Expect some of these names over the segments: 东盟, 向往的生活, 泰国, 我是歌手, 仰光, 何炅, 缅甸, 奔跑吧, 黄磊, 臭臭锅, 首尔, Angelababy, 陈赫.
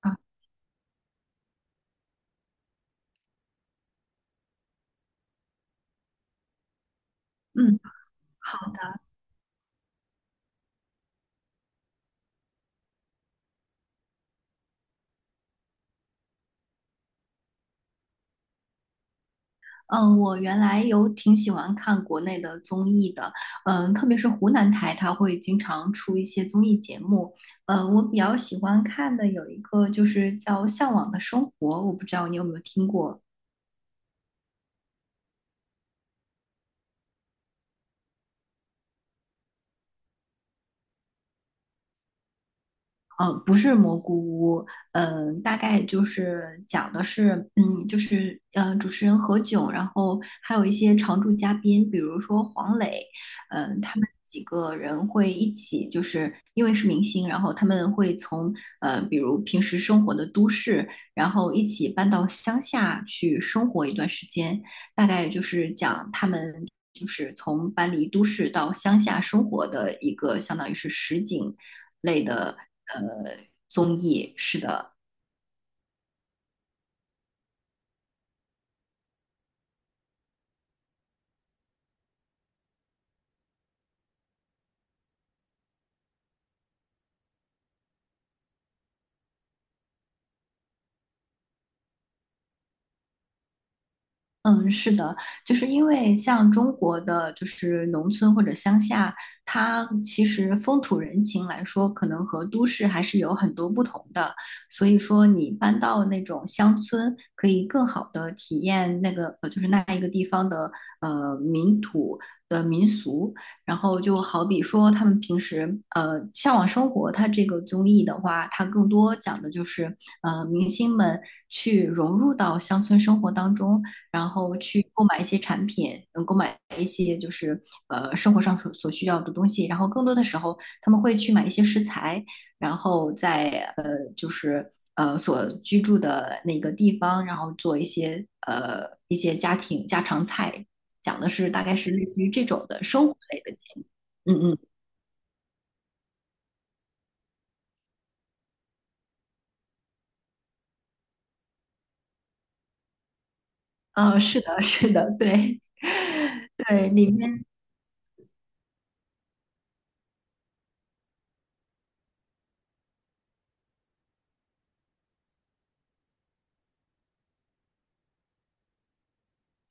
啊，嗯，好的，嗯，我原来有挺喜欢看国内的综艺的，特别是湖南台，它会经常出一些综艺节目，我比较喜欢看的有一个就是叫《向往的生活》，我不知道你有没有听过。不是蘑菇屋，大概就是讲的是，就是主持人何炅，然后还有一些常驻嘉宾，比如说黄磊，他们几个人会一起，就是因为是明星，然后他们会从比如平时生活的都市，然后一起搬到乡下去生活一段时间，大概就是讲他们就是从搬离都市到乡下生活的一个，相当于是实景类的呃综艺。是的。嗯，是的，就是因为像中国的就是农村或者乡下，它其实风土人情来说，可能和都市还是有很多不同的。所以说，你搬到那种乡村，可以更好的体验那个就是那一个地方的民土的民俗。然后就好比说，他们平时《向往生活》它这个综艺的话，它更多讲的就是明星们去融入到乡村生活当中。然后去购买一些产品，能购买一些就是生活上所需要的东西。然后更多的时候，他们会去买一些食材，然后在就是所居住的那个地方，然后做一些家庭家常菜，讲的是大概是类似于这种的生活类的。嗯嗯，是的，是的，对 对，里面。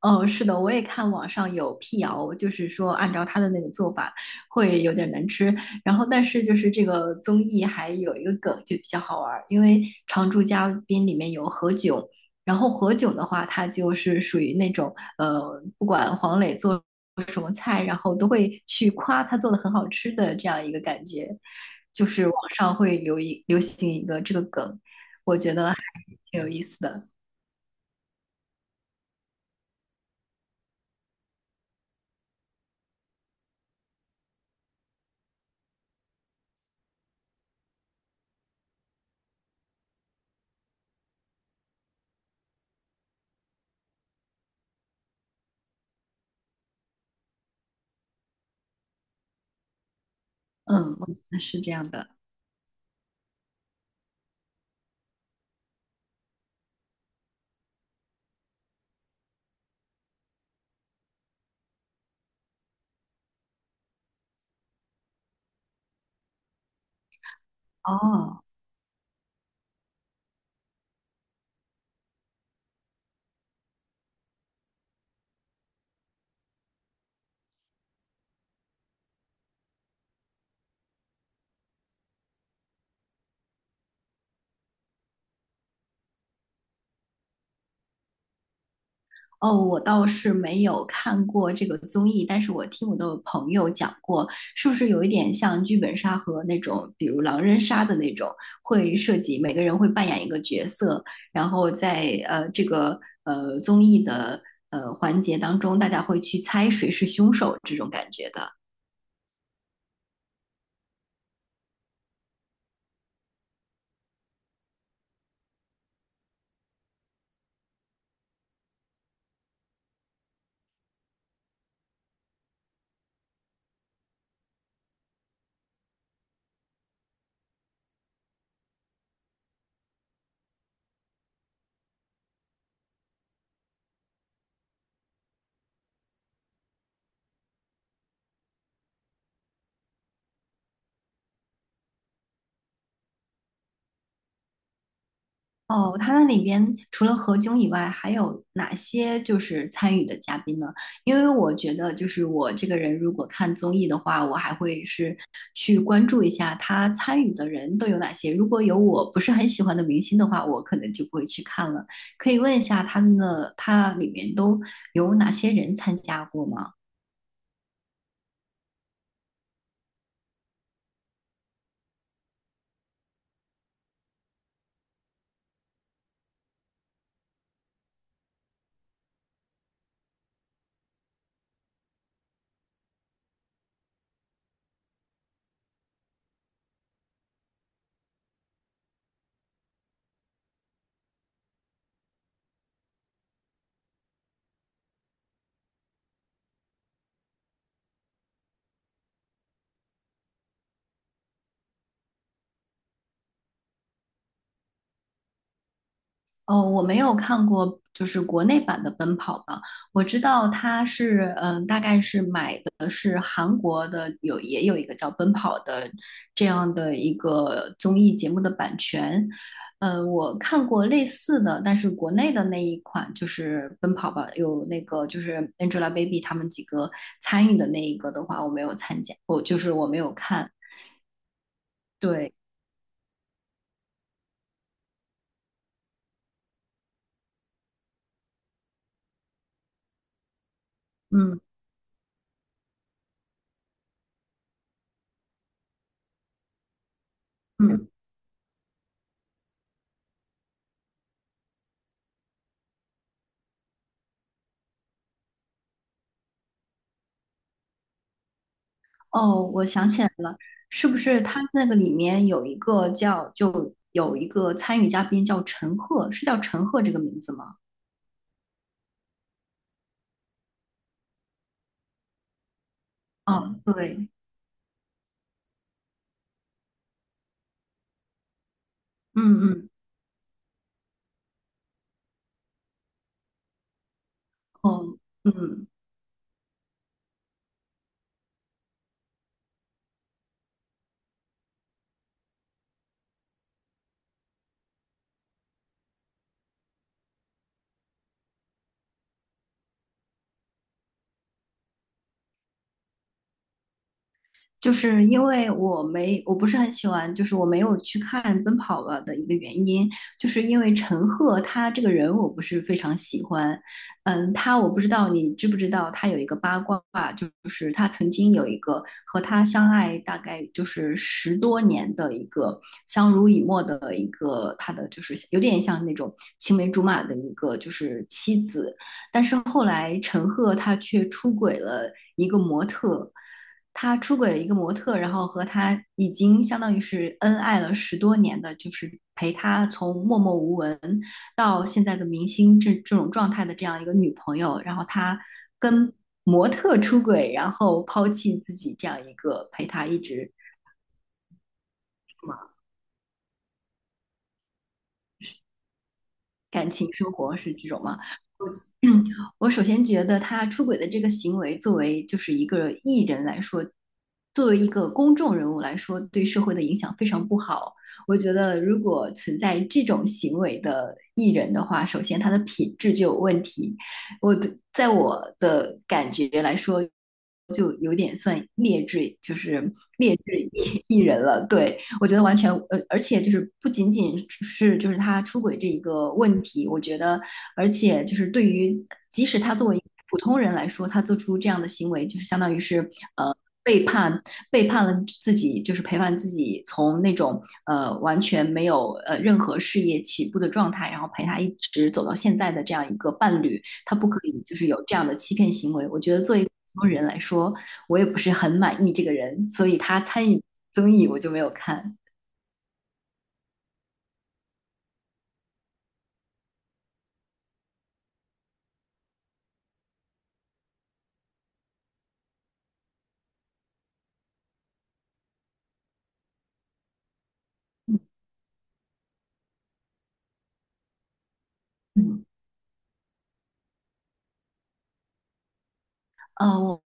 哦，是的，我也看网上有辟谣，就是说按照他的那个做法会有点难吃。然后，但是就是这个综艺还有一个梗就比较好玩儿，因为常驻嘉宾里面有何炅，然后何炅的话，他就是属于那种不管黄磊做什么菜，然后都会去夸他做的很好吃的这样一个感觉，就是网上会流行一个这个梗，我觉得还挺有意思的。嗯，我觉得是这样的。哦。哦，我倒是没有看过这个综艺，但是我听我的朋友讲过，是不是有一点像剧本杀和那种，比如狼人杀的那种，会涉及每个人会扮演一个角色，然后在这个综艺的环节当中，大家会去猜谁是凶手这种感觉的。哦，它那里边除了何炅以外，还有哪些就是参与的嘉宾呢？因为我觉得，就是我这个人如果看综艺的话，我还会是去关注一下他参与的人都有哪些。如果有我不是很喜欢的明星的话，我可能就不会去看了。可以问一下他们的，他里面都有哪些人参加过吗？哦，我没有看过，就是国内版的《奔跑吧》，我知道他是，大概是买的是韩国的，有也有一个叫《奔跑》的这样的一个综艺节目的版权。我看过类似的，但是国内的那一款就是《奔跑吧》，有那个就是 Angelababy 他们几个参与的那一个的话，我没有参加，我就是我没有看。对，嗯嗯。哦，我想起来了，是不是他那个里面有一个叫，就有一个参与嘉宾叫陈赫，是叫陈赫这个名字吗？哦，对，嗯嗯，哦，嗯。就是因为我没，我不是很喜欢，就是我没有去看《奔跑吧》的一个原因，就是因为陈赫他这个人我不是非常喜欢。嗯，他我不知道你知不知道，他有一个八卦，就是他曾经有一个和他相爱大概就是十多年的一个相濡以沫的一个他的就是有点像那种青梅竹马的一个就是妻子，但是后来陈赫他却出轨了一个模特。他出轨了一个模特，然后和他已经相当于是恩爱了十多年的，就是陪他从默默无闻到现在的明星这种状态的这样一个女朋友，然后他跟模特出轨，然后抛弃自己这样一个陪他一直感情生活是这种吗？我嗯，我首先觉得他出轨的这个行为，作为就是一个艺人来说，作为一个公众人物来说，对社会的影响非常不好。我觉得如果存在这种行为的艺人的话，首先他的品质就有问题。我的在我的感觉来说，就有点算劣质，就是劣质艺人了。对，我觉得完全而且就是不仅仅是就是他出轨这一个问题，我觉得，而且就是对于即使他作为普通人来说，他做出这样的行为，就是相当于是呃背叛背叛了自己，就是陪伴自己从那种完全没有任何事业起步的状态，然后陪他一直走到现在的这样一个伴侣，他不可以就是有这样的欺骗行为。我觉得作为普通人来说，我也不是很满意这个人，所以他参与综艺我就没有看。嗯，呃，我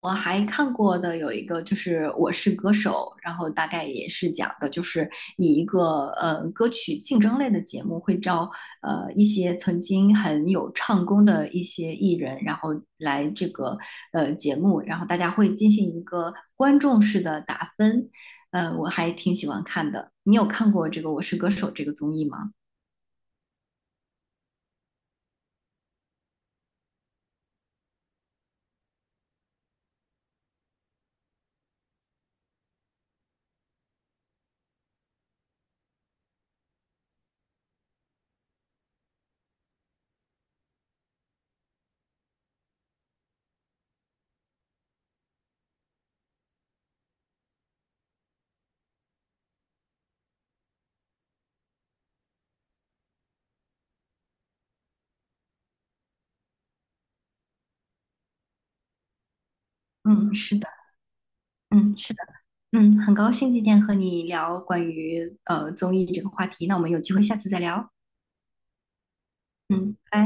我还看过的有一个就是《我是歌手》，然后大概也是讲的就是以一个歌曲竞争类的节目会招一些曾经很有唱功的一些艺人，然后来这个节目，然后大家会进行一个观众式的打分。嗯，我还挺喜欢看的。你有看过这个《我是歌手》这个综艺吗？嗯，是的，嗯，是的。嗯，很高兴今天和你聊关于综艺这个话题，那我们有机会下次再聊。嗯，拜。